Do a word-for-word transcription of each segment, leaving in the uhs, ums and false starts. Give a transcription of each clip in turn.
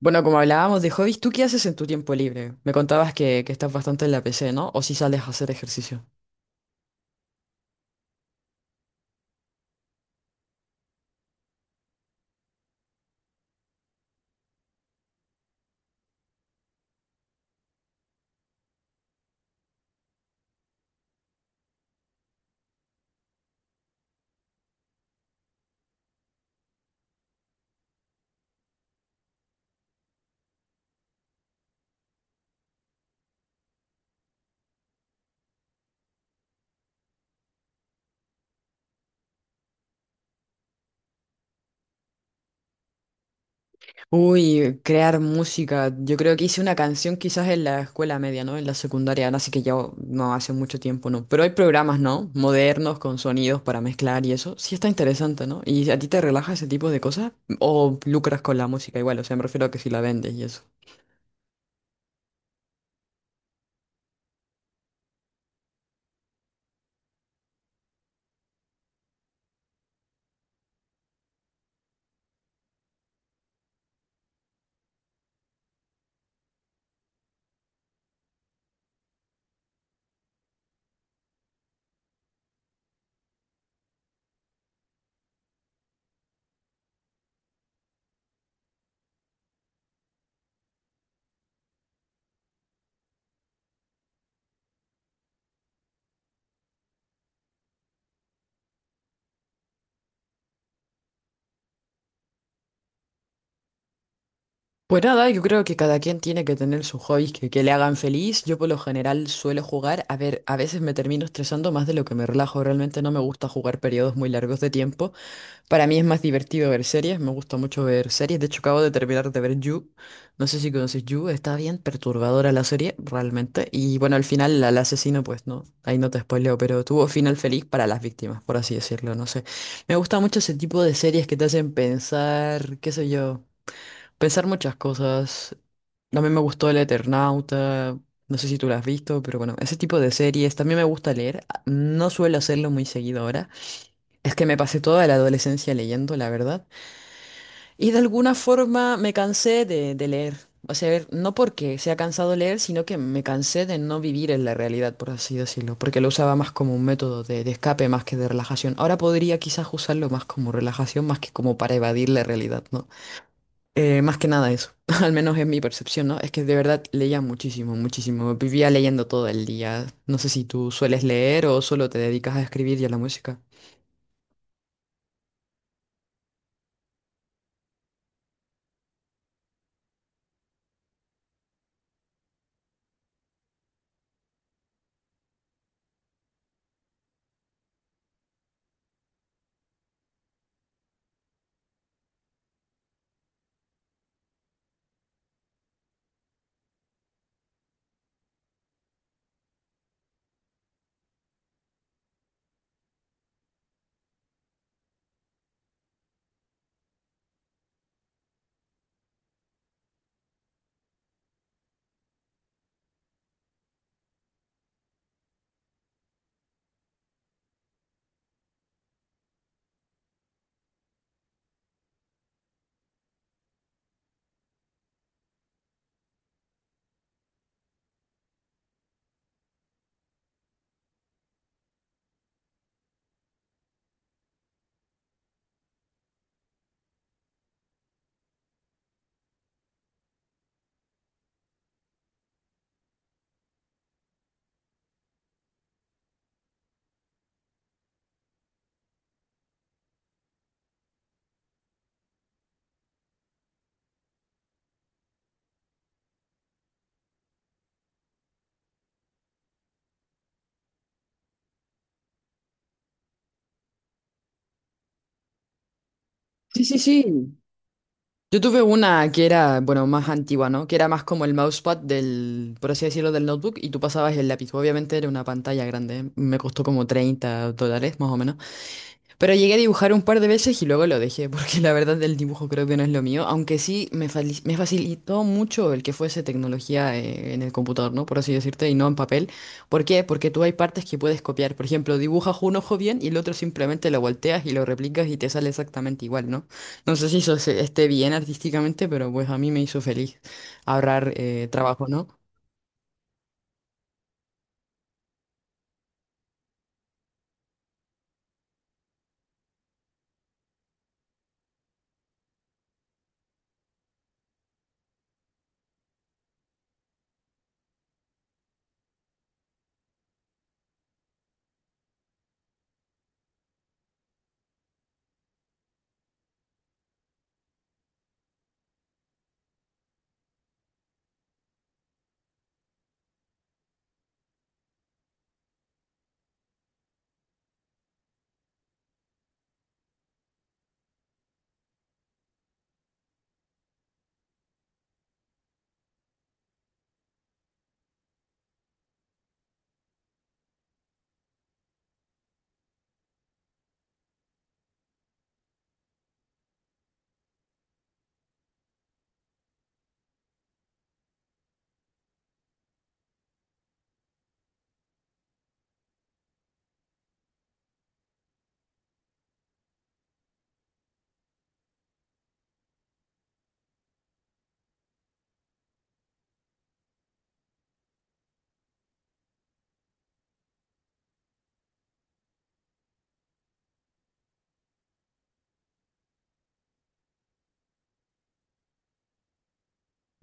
Bueno, como hablábamos de hobbies, ¿tú qué haces en tu tiempo libre? Me contabas que, que estás bastante en la P C, ¿no? ¿O si sales a hacer ejercicio? Uy, crear música. Yo creo que hice una canción quizás en la escuela media, ¿no? En la secundaria, así que ya no hace mucho tiempo, ¿no? Pero hay programas, ¿no? Modernos con sonidos para mezclar y eso. Sí está interesante, ¿no? ¿Y a ti te relaja ese tipo de cosas? ¿O lucras con la música igual? O sea, me refiero a que si la vendes y eso. Pues nada, yo creo que cada quien tiene que tener sus hobbies que, que le hagan feliz. Yo por lo general suelo jugar, a ver, a veces me termino estresando más de lo que me relajo. Realmente no me gusta jugar periodos muy largos de tiempo. Para mí es más divertido ver series, me gusta mucho ver series. De hecho, acabo de terminar de ver You. No sé si conoces You, está bien perturbadora la serie, realmente. Y bueno, al final al asesino, pues no, ahí no te spoileo, pero tuvo final feliz para las víctimas, por así decirlo, no sé. Me gusta mucho ese tipo de series que te hacen pensar, qué sé yo. Pensar muchas cosas. También me gustó El Eternauta. No sé si tú lo has visto, pero bueno, ese tipo de series. También me gusta leer. ah, No suelo hacerlo muy seguido ahora. Es que me pasé toda la adolescencia leyendo, la verdad. Y de alguna forma me cansé de, de leer. O sea, a ver, no porque sea cansado leer, sino que me cansé de no vivir en la realidad, por así decirlo. Porque lo usaba más como un método de, de escape más que de relajación. Ahora podría quizás usarlo más como relajación, más que como para evadir la realidad, ¿no? Eh, más que nada eso, al menos es mi percepción, ¿no? Es que de verdad leía muchísimo, muchísimo. Vivía leyendo todo el día. No sé si tú sueles leer o solo te dedicas a escribir y a la música. Sí, sí, sí. Yo tuve una que era, bueno, más antigua, ¿no? Que era más como el mousepad del, por así decirlo, del notebook y tú pasabas el lápiz. Obviamente era una pantalla grande, ¿eh? Me costó como treinta dólares, más o menos. Pero llegué a dibujar un par de veces y luego lo dejé, porque la verdad el dibujo creo que no es lo mío, aunque sí me, fali- me facilitó mucho el que fuese tecnología eh, en el computador, ¿no? Por así decirte, y no en papel. ¿Por qué? Porque tú hay partes que puedes copiar. Por ejemplo, dibujas un ojo bien y el otro simplemente lo volteas y lo replicas y te sale exactamente igual, ¿no? No sé si eso se- esté bien artísticamente, pero pues a mí me hizo feliz ahorrar eh, trabajo, ¿no?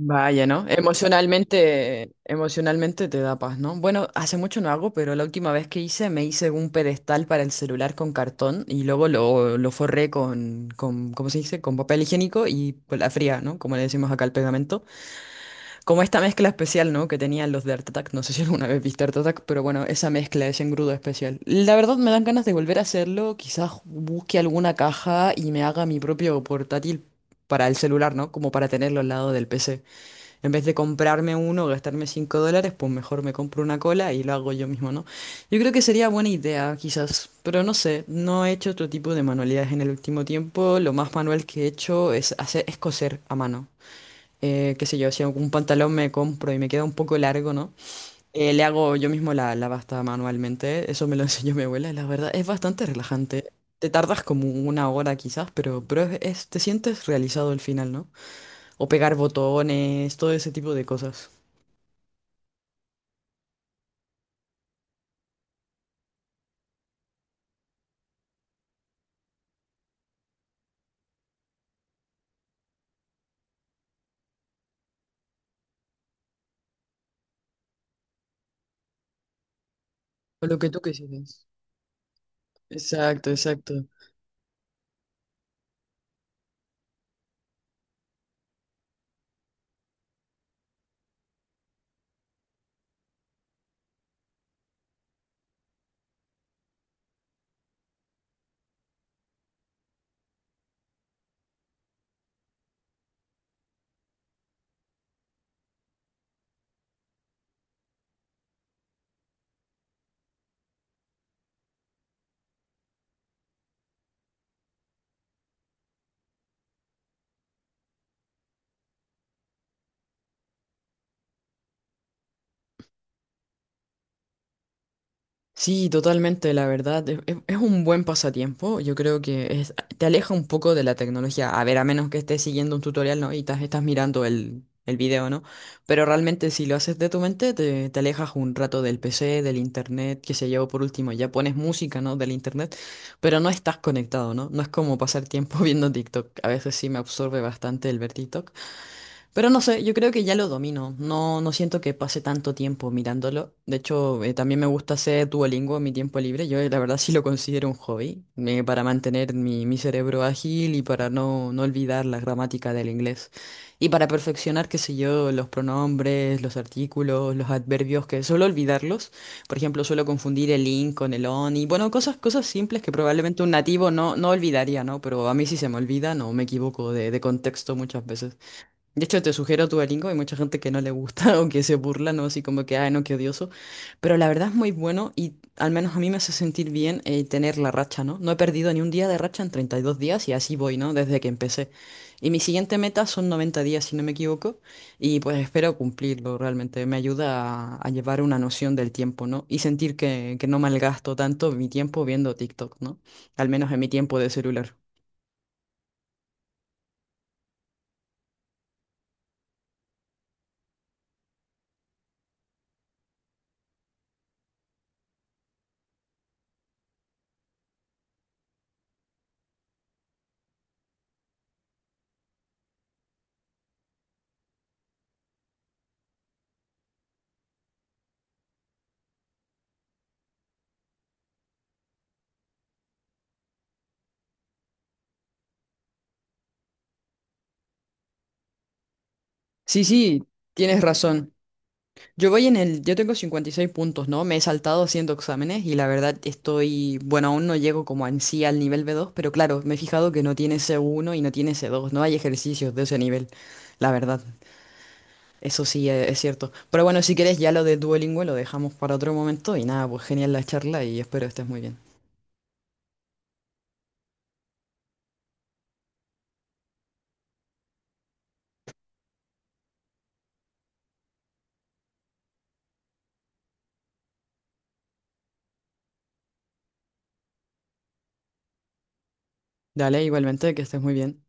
Vaya, ¿no? Emocionalmente, emocionalmente te da paz, ¿no? Bueno, hace mucho no hago, pero la última vez que hice me hice un pedestal para el celular con cartón y luego lo, lo forré con, con, ¿cómo se dice? Con papel higiénico y pues, la fría, ¿no? Como le decimos acá al pegamento. Como esta mezcla especial, ¿no? Que tenían los de Art Attack. No sé si alguna vez viste Art Attack, pero bueno, esa mezcla, ese engrudo especial. La verdad me dan ganas de volver a hacerlo. Quizás busque alguna caja y me haga mi propio portátil para el celular, ¿no? Como para tenerlo al lado del P C. En vez de comprarme uno, gastarme cinco dólares, pues mejor me compro una cola y lo hago yo mismo, ¿no? Yo creo que sería buena idea, quizás, pero no sé, no he hecho otro tipo de manualidades en el último tiempo. Lo más manual que he hecho es hacer, es coser a mano. Eh, qué sé yo, si algún pantalón me compro y me queda un poco largo, ¿no? Eh, le hago yo mismo la, la basta manualmente. Eso me lo enseñó mi abuela, y la verdad, es bastante relajante. Te tardas como una hora quizás, pero, pero es- es- te sientes realizado al final, ¿no? O pegar botones, todo ese tipo de cosas. O Lo que tú quisieras. Exacto, exacto. Sí, totalmente, la verdad. Es, es- es un buen pasatiempo. Yo creo que es- Te aleja un poco de la tecnología. A ver, a menos que estés siguiendo un tutorial, ¿no? Y estás, estás mirando el, el video, ¿no? Pero realmente si lo haces de tu mente, te, te alejas un rato del P C, del internet, qué sé yo, por último, ya pones música, ¿no? Del internet, pero no estás conectado, ¿no? No es como pasar tiempo viendo TikTok. A veces sí me absorbe bastante el ver TikTok. Pero no sé, yo creo que ya lo domino. No, no siento que pase tanto tiempo mirándolo. De hecho, eh, también me gusta hacer Duolingo en mi tiempo libre. Yo eh, la verdad sí lo considero un hobby, eh, para mantener mi, mi cerebro ágil y para no, no olvidar la gramática del inglés. Y para perfeccionar, qué sé yo, los pronombres, los artículos, los adverbios, que suelo olvidarlos. Por ejemplo, suelo confundir el in con el on y bueno, cosas, cosas simples que probablemente un nativo no, no olvidaría, ¿no? Pero a mí sí se me olvida, no me equivoco de de contexto muchas veces. De hecho, te sugiero tu Duolingo, hay mucha gente que no le gusta o que se burla, ¿no? Así como que, ay, no, qué odioso. Pero la verdad es muy bueno y al menos a mí me hace sentir bien eh, tener la racha, ¿no? No he perdido ni un día de racha en treinta y dos días y así voy, ¿no? Desde que empecé. Y mi siguiente meta son noventa días, si no me equivoco, y pues espero cumplirlo realmente. Me ayuda a, a llevar una noción del tiempo, ¿no? Y sentir que, que no malgasto tanto mi tiempo viendo TikTok, ¿no? Al menos en mi tiempo de celular. Sí, sí, tienes razón. Yo voy en el, yo tengo cincuenta y seis puntos, ¿no? Me he saltado haciendo exámenes y la verdad estoy, bueno, aún no llego como en sí al nivel b dos, pero claro, me he fijado que no tiene c uno y no tiene c dos, no hay ejercicios de ese nivel, la verdad, eso sí eh, es cierto. Pero bueno, si quieres ya lo de Duolingo lo dejamos para otro momento y nada, pues genial la charla y espero estés muy bien. Dale, igualmente, que estés muy bien.